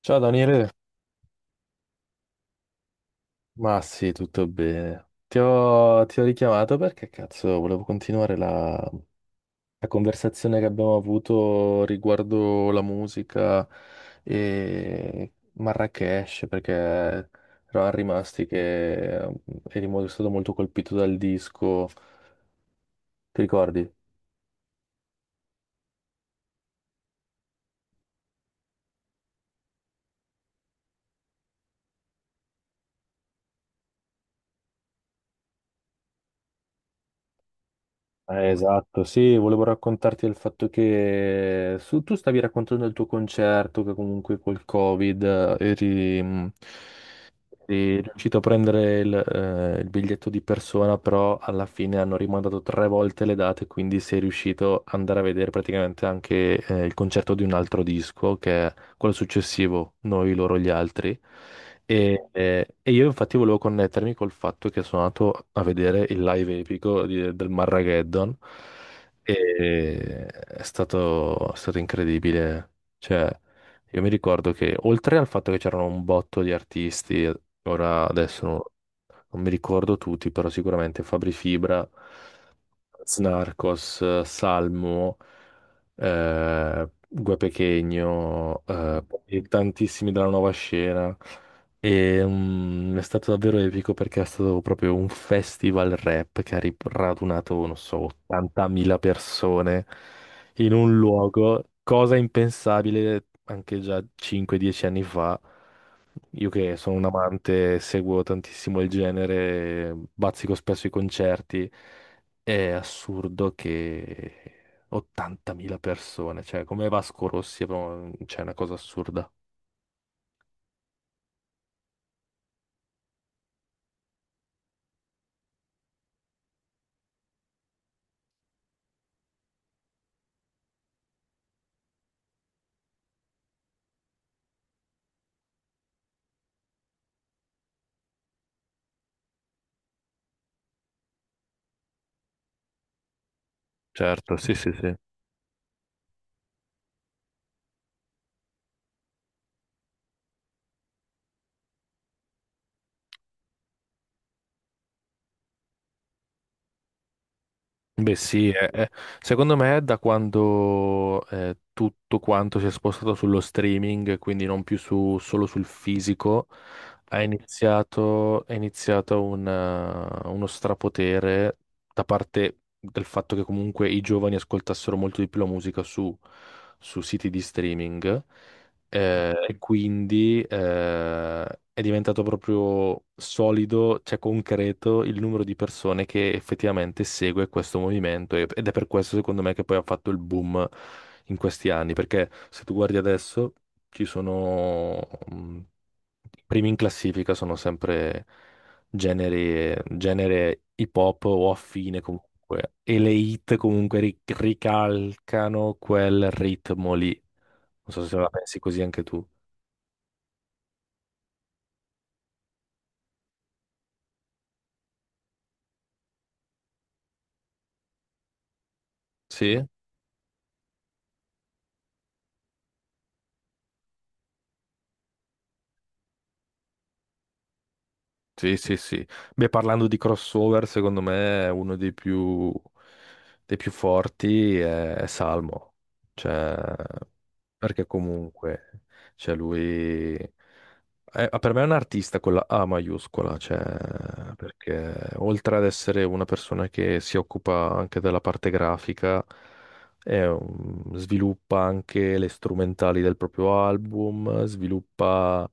Ciao Daniele, ma sì, tutto bene. Ti ho richiamato perché cazzo, volevo continuare la conversazione che abbiamo avuto riguardo la musica e Marrakesh, perché eravamo rimasti che eri stato molto colpito dal disco. Ti ricordi? Esatto, sì, volevo raccontarti del fatto che tu stavi raccontando il tuo concerto, che comunque col Covid eri. Sì, è riuscito a prendere il biglietto di persona, però alla fine hanno rimandato tre volte le date, quindi sei riuscito ad andare a vedere praticamente anche il concerto di un altro disco, che è quello successivo, Noi, loro, gli altri. E io infatti volevo connettermi col fatto che sono andato a vedere il live epico del Marrageddon e è stato incredibile. Cioè, io mi ricordo che oltre al fatto che c'erano un botto di artisti. Ora adesso non mi ricordo tutti, però sicuramente Fabri Fibra, Snarcos, Salmo, Gue Pequeno, e tantissimi della nuova scena. E, è stato davvero epico perché è stato proprio un festival rap che ha radunato, non so, 80.000 persone in un luogo, cosa impensabile anche già 5-10 anni fa. Io che sono un amante, seguo tantissimo il genere, bazzico spesso i concerti. È assurdo che 80.000 persone, cioè come Vasco Rossi, è cioè, è una cosa assurda. Certo, sì, sì, sì. Beh sì, secondo me è da quando tutto quanto si è spostato sullo streaming, quindi non più solo sul fisico, ha iniziato, è iniziato uno strapotere da parte del fatto che comunque i giovani ascoltassero molto di più la musica su siti di streaming e quindi è diventato proprio solido, cioè concreto, il numero di persone che effettivamente segue questo movimento ed è per questo secondo me che poi ha fatto il boom in questi anni, perché se tu guardi adesso ci sono mh, i primi in classifica sono sempre genere hip hop o affine comunque e le hit comunque ricalcano quel ritmo lì. Non so se la pensi così anche tu. Sì, sì, sì, sì. Beh, parlando di crossover, secondo me è uno dei più forti è Salmo. Cioè, perché comunque, cioè lui per me è un artista con la A maiuscola, cioè, perché oltre ad essere una persona che si occupa anche della parte grafica, è sviluppa anche le strumentali del proprio album, sviluppa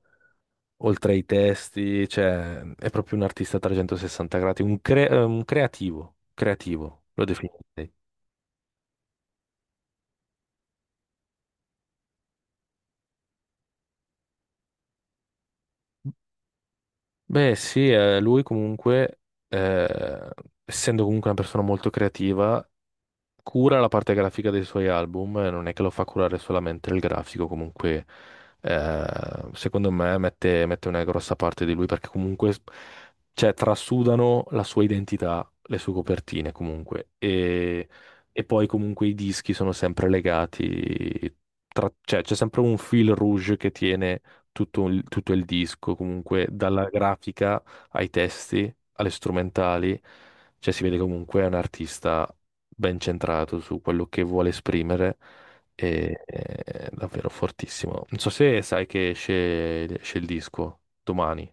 oltre ai testi, cioè è proprio un artista a 360 gradi, un creativo, creativo, lo definirei. Beh, sì, lui comunque, eh, essendo comunque una persona molto creativa, cura la parte grafica dei suoi album, non è che lo fa curare solamente il grafico, comunque eh, secondo me mette una grossa parte di lui perché comunque cioè, trasudano la sua identità, le sue copertine comunque e poi comunque i dischi sono sempre legati, cioè c'è sempre un fil rouge che tiene tutto il disco, comunque dalla grafica ai testi, alle strumentali, cioè si vede comunque è un artista ben centrato su quello che vuole esprimere e è davvero fortissimo. Non so se sai che esce il disco domani.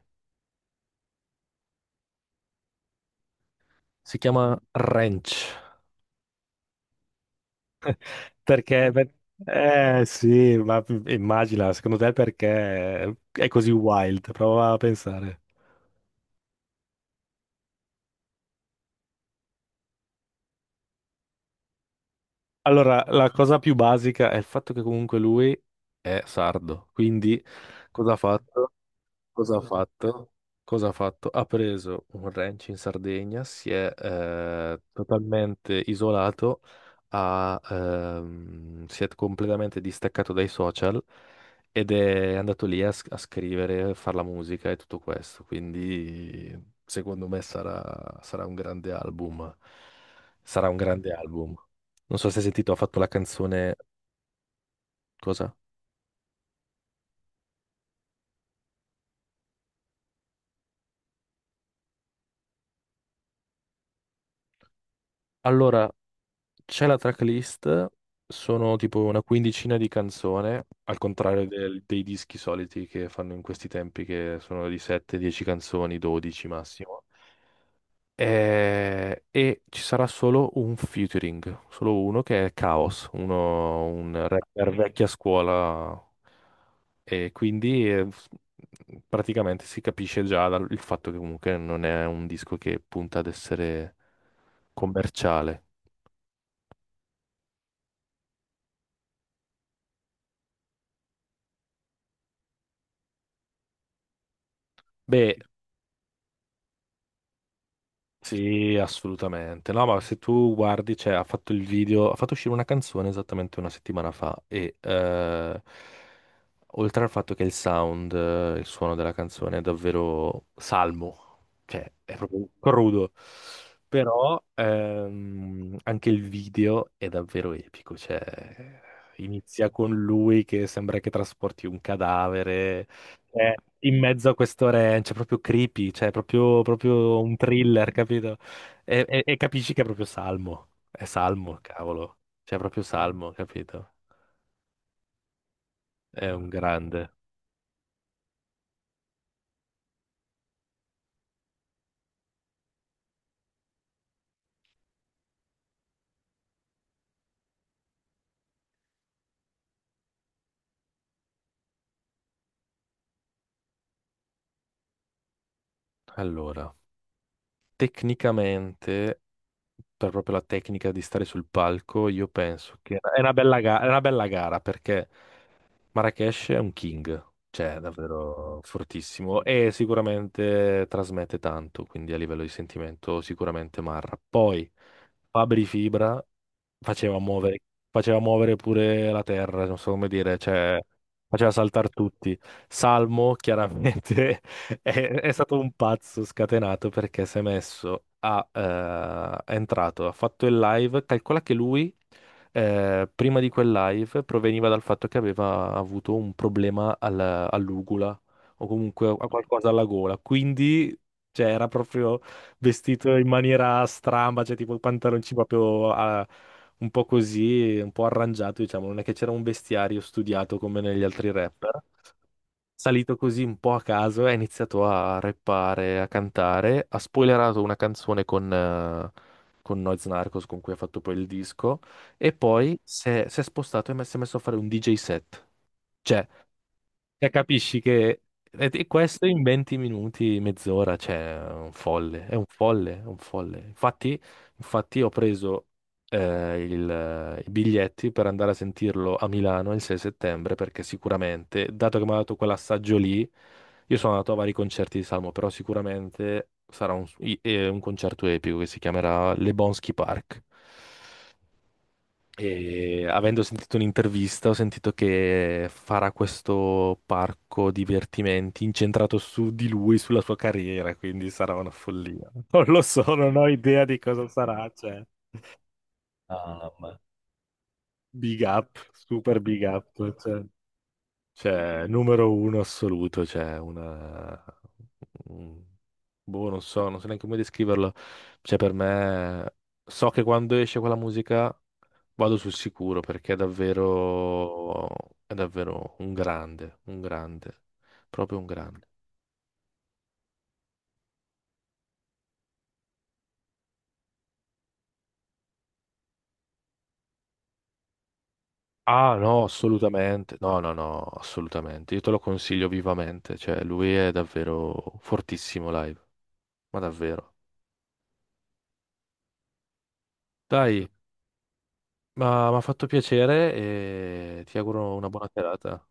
Si chiama Ranch. Perché? Eh sì, ma immagina, secondo te perché è così wild? Prova a pensare. Allora, la cosa più basica è il fatto che comunque lui è sardo, quindi cosa ha fatto? Cosa ha fatto? Cosa ha fatto? Ha preso un ranch in Sardegna, si è totalmente isolato, si è completamente distaccato dai social ed è andato lì a scrivere, a fare la musica e tutto questo. Quindi secondo me sarà un grande album. Sarà un grande album. Non so se hai sentito, ha fatto la canzone. Cosa? Allora, c'è la tracklist, sono tipo una quindicina di canzoni, al contrario dei dischi soliti che fanno in questi tempi, che sono di 7-10 canzoni, 12 massimo. E, ci sarà solo un featuring, solo uno che è Chaos, un rapper vecchia scuola. E quindi praticamente si capisce già dal il fatto che comunque non è un disco che punta ad essere commerciale. Beh, sì, assolutamente. No, ma se tu guardi, cioè, ha fatto il video, ha fatto uscire una canzone esattamente una settimana fa e oltre al fatto che il sound, il suono della canzone è davvero salmo, cioè è proprio crudo, però anche il video è davvero epico, cioè inizia con lui che sembra che trasporti un cadavere eh, in mezzo a questo ranch, è cioè, proprio creepy, cioè è proprio, proprio un thriller, capito? E capisci che è proprio Salmo, è Salmo, cavolo, cioè è proprio Salmo, capito? È un grande. Allora, tecnicamente, per proprio la tecnica di stare sul palco, io penso che è una bella gara perché. Marrakesh è un king, cioè è davvero fortissimo e sicuramente trasmette tanto, quindi a livello di sentimento sicuramente Marra. Poi Fabri Fibra faceva muovere, faceva muovere pure la terra, non so come dire, cioè faceva saltare tutti. Salmo chiaramente è stato un pazzo scatenato perché si è messo, è entrato, ha fatto il live, calcola che lui prima di quel live proveniva dal fatto che aveva avuto un problema all'ugula o comunque a qualcosa alla gola. Quindi, cioè, era proprio vestito in maniera stramba, cioè tipo i pantaloncini proprio un po' così, un po' arrangiato, diciamo. Non è che c'era un vestiario studiato come negli altri rapper. Salito così un po' a caso, ha iniziato a rappare, a cantare, ha spoilerato una canzone con Noyz Narcos con cui ha fatto poi il disco e poi si è spostato e si è messo a fare un DJ set. Cioè, cioè, capisci che e questo in 20 minuti, mezz'ora, cioè, è un folle, è un folle, è un folle. Infatti, ho preso i biglietti per andare a sentirlo a Milano il 6 settembre, perché sicuramente, dato che mi ha dato quell'assaggio lì, io sono andato a vari concerti di Salmo, però sicuramente sarà un concerto epico che si chiamerà Le Bonsky Park. E avendo sentito un'intervista, ho sentito che farà questo parco divertimenti incentrato su di lui, sulla sua carriera, quindi sarà una follia. Non lo so, non ho idea di cosa sarà, cioè, Ah, big up, super big up, cioè, numero uno assoluto, cioè, una. un- Boh, non so, non so neanche come descriverlo. Cioè, per me, so che quando esce quella musica vado sul sicuro perché è davvero un grande, proprio un grande. Ah, no, assolutamente. No, no, no, assolutamente. Io te lo consiglio vivamente. Cioè, lui è davvero fortissimo live, ma davvero. Dai, ma mi ha fatto piacere e ti auguro una buona serata.